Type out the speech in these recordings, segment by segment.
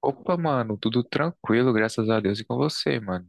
Opa, mano, tudo tranquilo, graças a Deus e com você, mano.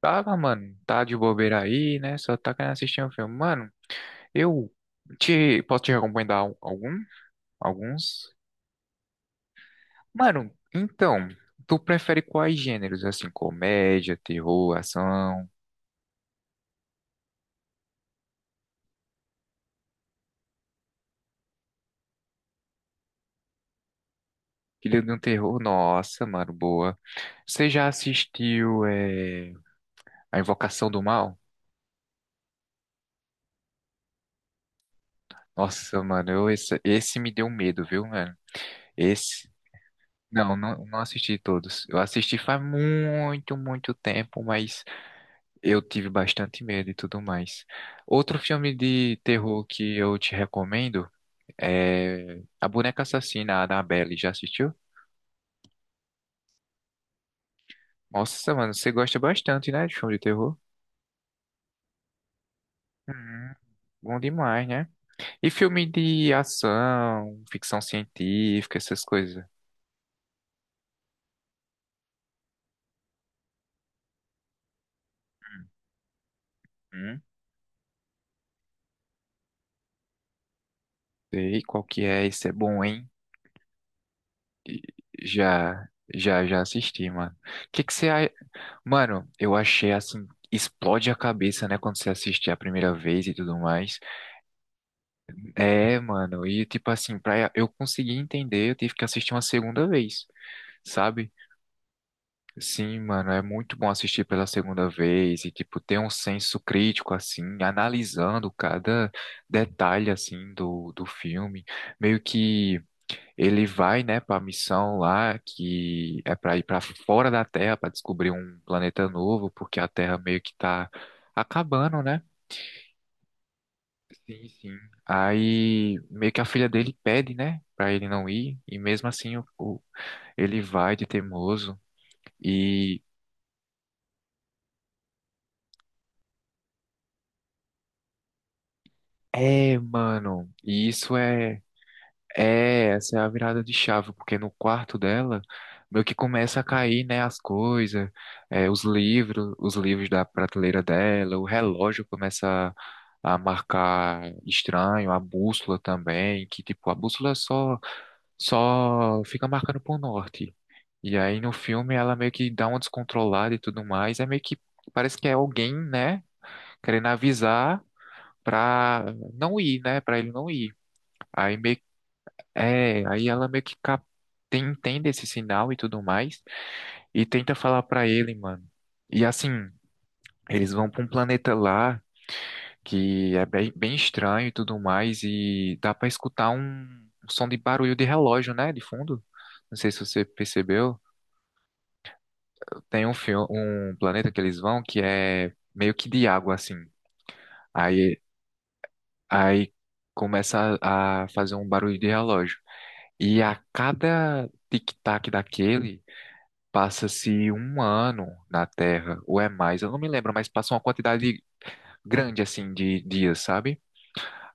Tava, mano, tá de bobeira aí, né? Só tá querendo assistir um filme. Mano, eu te posso te recomendar algum? Alguns? Mano, então, tu prefere quais gêneros? Assim, comédia, terror, ação? Filho de um terror? Nossa, mano, boa. Você já assistiu A Invocação do Mal? Nossa, mano, esse me deu medo, viu, mano? Esse. Não, não, não assisti todos. Eu assisti faz muito, muito tempo, mas eu tive bastante medo e tudo mais. Outro filme de terror que eu te recomendo é A Boneca Assassina, a Annabelle. Já assistiu? Nossa, mano, você gosta bastante, né, de filme de terror? Hum, bom demais, né? E filme de ação, ficção científica, essas coisas? Hum, sei qual que é, esse é bom, hein? Já, já, já assisti, mano. O que que você a- Mano, eu achei assim, explode a cabeça, né, quando você assiste a primeira vez e tudo mais. É, mano, e tipo assim, pra eu conseguir entender, eu tive que assistir uma segunda vez, sabe? Sim, mano, é muito bom assistir pela segunda vez e tipo ter um senso crítico assim, analisando cada detalhe assim do filme, meio que ele vai, né, para a missão lá que é para ir para fora da Terra para descobrir um planeta novo, porque a Terra meio que tá acabando, né? Sim, sim. Aí meio que a filha dele pede, né, para ele não ir, e mesmo assim ele vai de teimoso. E é, mano, e isso é É, essa é a virada de chave, porque no quarto dela meio que começa a cair, né, as coisas, é, os livros da prateleira dela, o relógio começa a marcar estranho, a bússola também, que tipo, a bússola só fica marcando pro norte. E aí no filme ela meio que dá uma descontrolada e tudo mais, é meio que parece que é alguém, né, querendo avisar pra não ir, né, pra ele não ir. Aí meio é, aí ela meio que cap... entende esse sinal e tudo mais e tenta falar pra ele, mano. E assim, eles vão pra um planeta lá que é bem, bem estranho e tudo mais e dá pra escutar um som de barulho de relógio, né, de fundo. Não sei se você percebeu, tem um filme um planeta que eles vão que é meio que de água assim. Aí aí começa a fazer um barulho de relógio. E a cada tic-tac daquele passa-se um ano na Terra, ou é mais, eu não me lembro, mas passa uma quantidade grande, assim, de dias, sabe?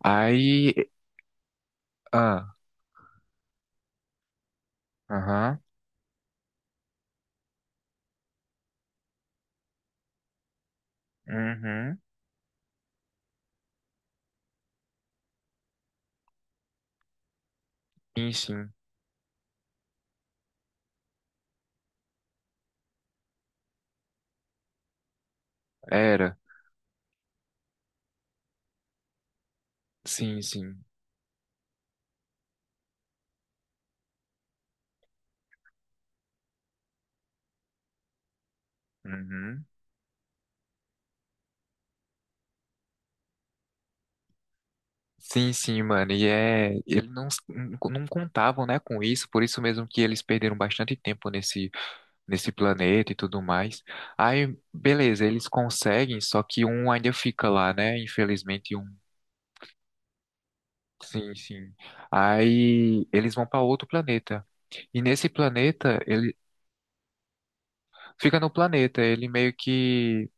Aí. Ah, aham, uhum, sim, sim, era, sim, sim, uhum. Sim, sim, mano, e é. Eles não contavam, né, com isso, por isso mesmo que eles perderam bastante tempo nesse planeta e tudo mais. Aí, beleza, eles conseguem, só que um ainda fica lá, né? Infelizmente, um. Sim, sim. Aí eles vão para outro planeta. E nesse planeta, ele fica no planeta, ele meio que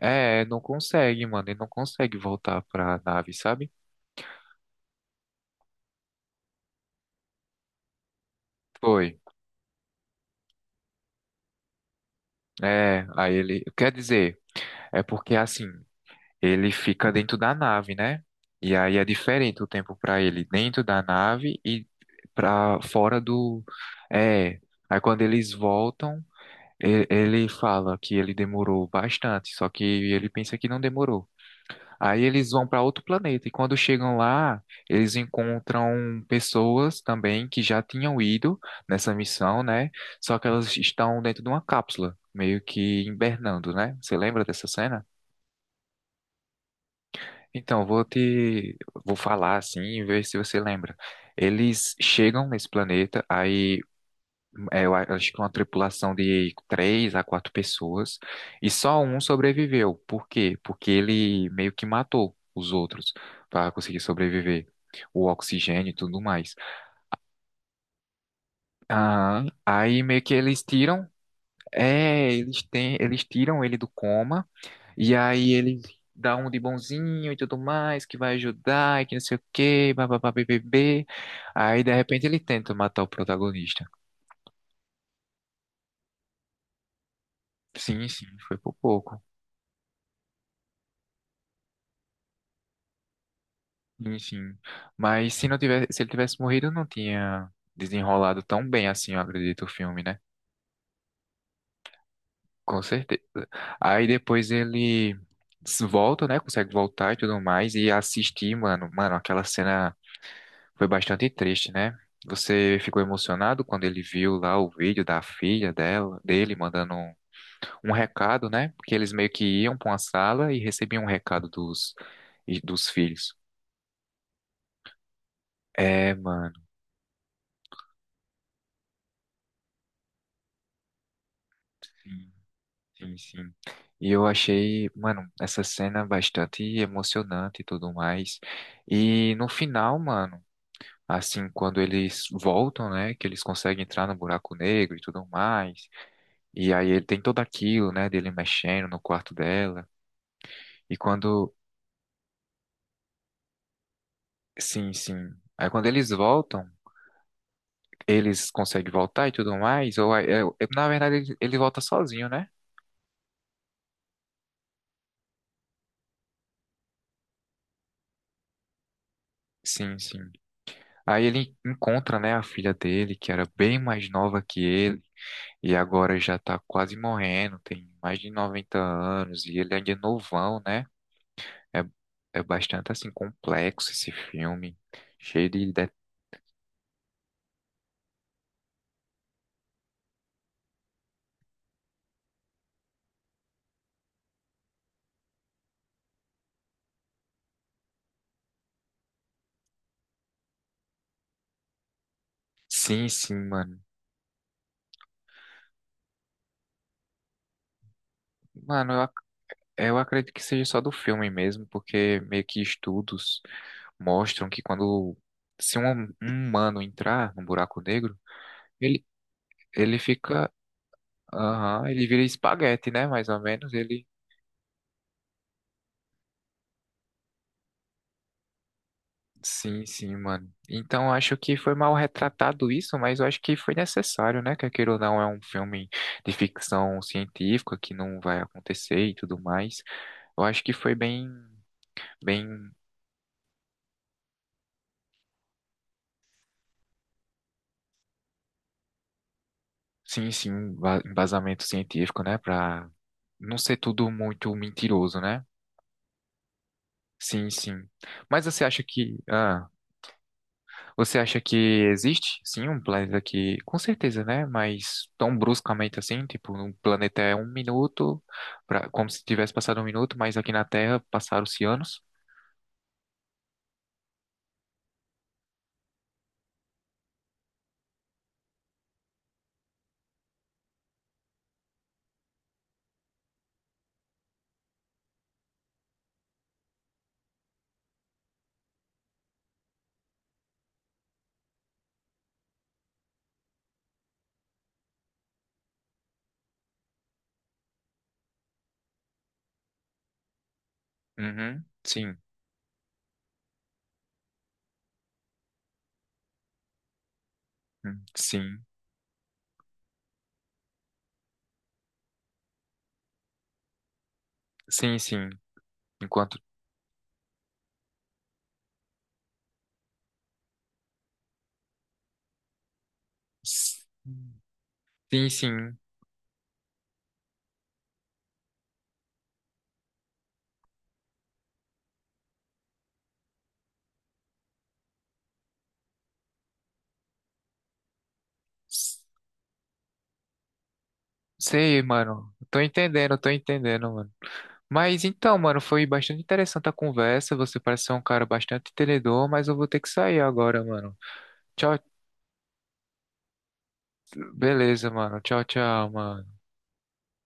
não consegue, mano, ele não consegue voltar pra nave, sabe? Foi. É, aí ele, quer dizer, é porque assim, ele fica dentro da nave, né? E aí é diferente o tempo pra ele dentro da nave e pra fora do é. Aí quando eles voltam, ele fala que ele demorou bastante, só que ele pensa que não demorou. Aí eles vão para outro planeta e quando chegam lá, eles encontram pessoas também que já tinham ido nessa missão, né? Só que elas estão dentro de uma cápsula, meio que hibernando, né? Você lembra dessa cena? Então, vou falar assim e ver se você lembra. Eles chegam nesse planeta, aí acho que uma tripulação de três a quatro pessoas e só um sobreviveu. Por quê? Porque ele meio que matou os outros para conseguir sobreviver. O oxigênio e tudo mais. Ah, aí meio que eles tiram ele do coma e aí ele dá um de bonzinho e tudo mais que vai ajudar e que não sei o quê, bababá, bbb. Aí de repente ele tenta matar o protagonista. Sim, sim, foi por pouco. Sim, sim. Mas se não tivesse, se ele tivesse morrido, não tinha desenrolado tão bem assim, eu acredito, o filme, né? Com certeza. Aí depois ele volta, né? Consegue voltar e tudo mais. E assistir, mano. Mano, aquela cena foi bastante triste, né? Você ficou emocionado quando ele viu lá o vídeo da filha dela, dele mandando um recado, né? Porque eles meio que iam pra uma sala e recebiam um recado dos, dos filhos. É, mano. Sim, sim. E eu achei, mano, essa cena bastante emocionante e tudo mais. E no final, mano, assim, quando eles voltam, né, que eles conseguem entrar no buraco negro e tudo mais. E aí ele tem todo aquilo, né, dele mexendo no quarto dela. E quando, sim, sim. Aí quando eles voltam, eles conseguem voltar e tudo mais. Ou aí- eu- Na verdade ele, ele volta sozinho, né? Sim, sim. Aí ele encontra, né, a filha dele, que era bem mais nova que ele. E agora já tá quase morrendo, tem mais de 90 anos e ele ainda é novão, né? É, é bastante assim complexo esse filme, cheio de... Sim, sim, mano. Mano, eu acredito que seja só do filme mesmo, porque meio que estudos mostram que quando se um humano entrar no buraco negro, ele, ele fica, aham, ele vira espaguete, né? Mais ou menos, ele. Sim, sim, mano. Então acho que foi mal retratado isso, mas eu acho que foi necessário, né? Que aquilo não é um filme de ficção científica que não vai acontecer e tudo mais. Eu acho que foi bem, bem, sim, sim, um embasamento científico, né? Pra não ser tudo muito mentiroso, né? Sim, sim. Mas você acha que, ah, Você acha que existe, sim, um planeta que, com certeza, né? Mas tão bruscamente assim, tipo, um planeta é um minuto, pra, como se tivesse passado um minuto, mas aqui na Terra passaram-se anos. Uhum, sim, sim, sim, sim. Enquanto. Sim, sim. Sei, mano. Tô entendendo, mano. Mas então, mano, foi bastante interessante a conversa. Você parece ser um cara bastante entendedor, mas eu vou ter que sair agora, mano. Tchau, beleza, mano. Tchau, tchau, mano.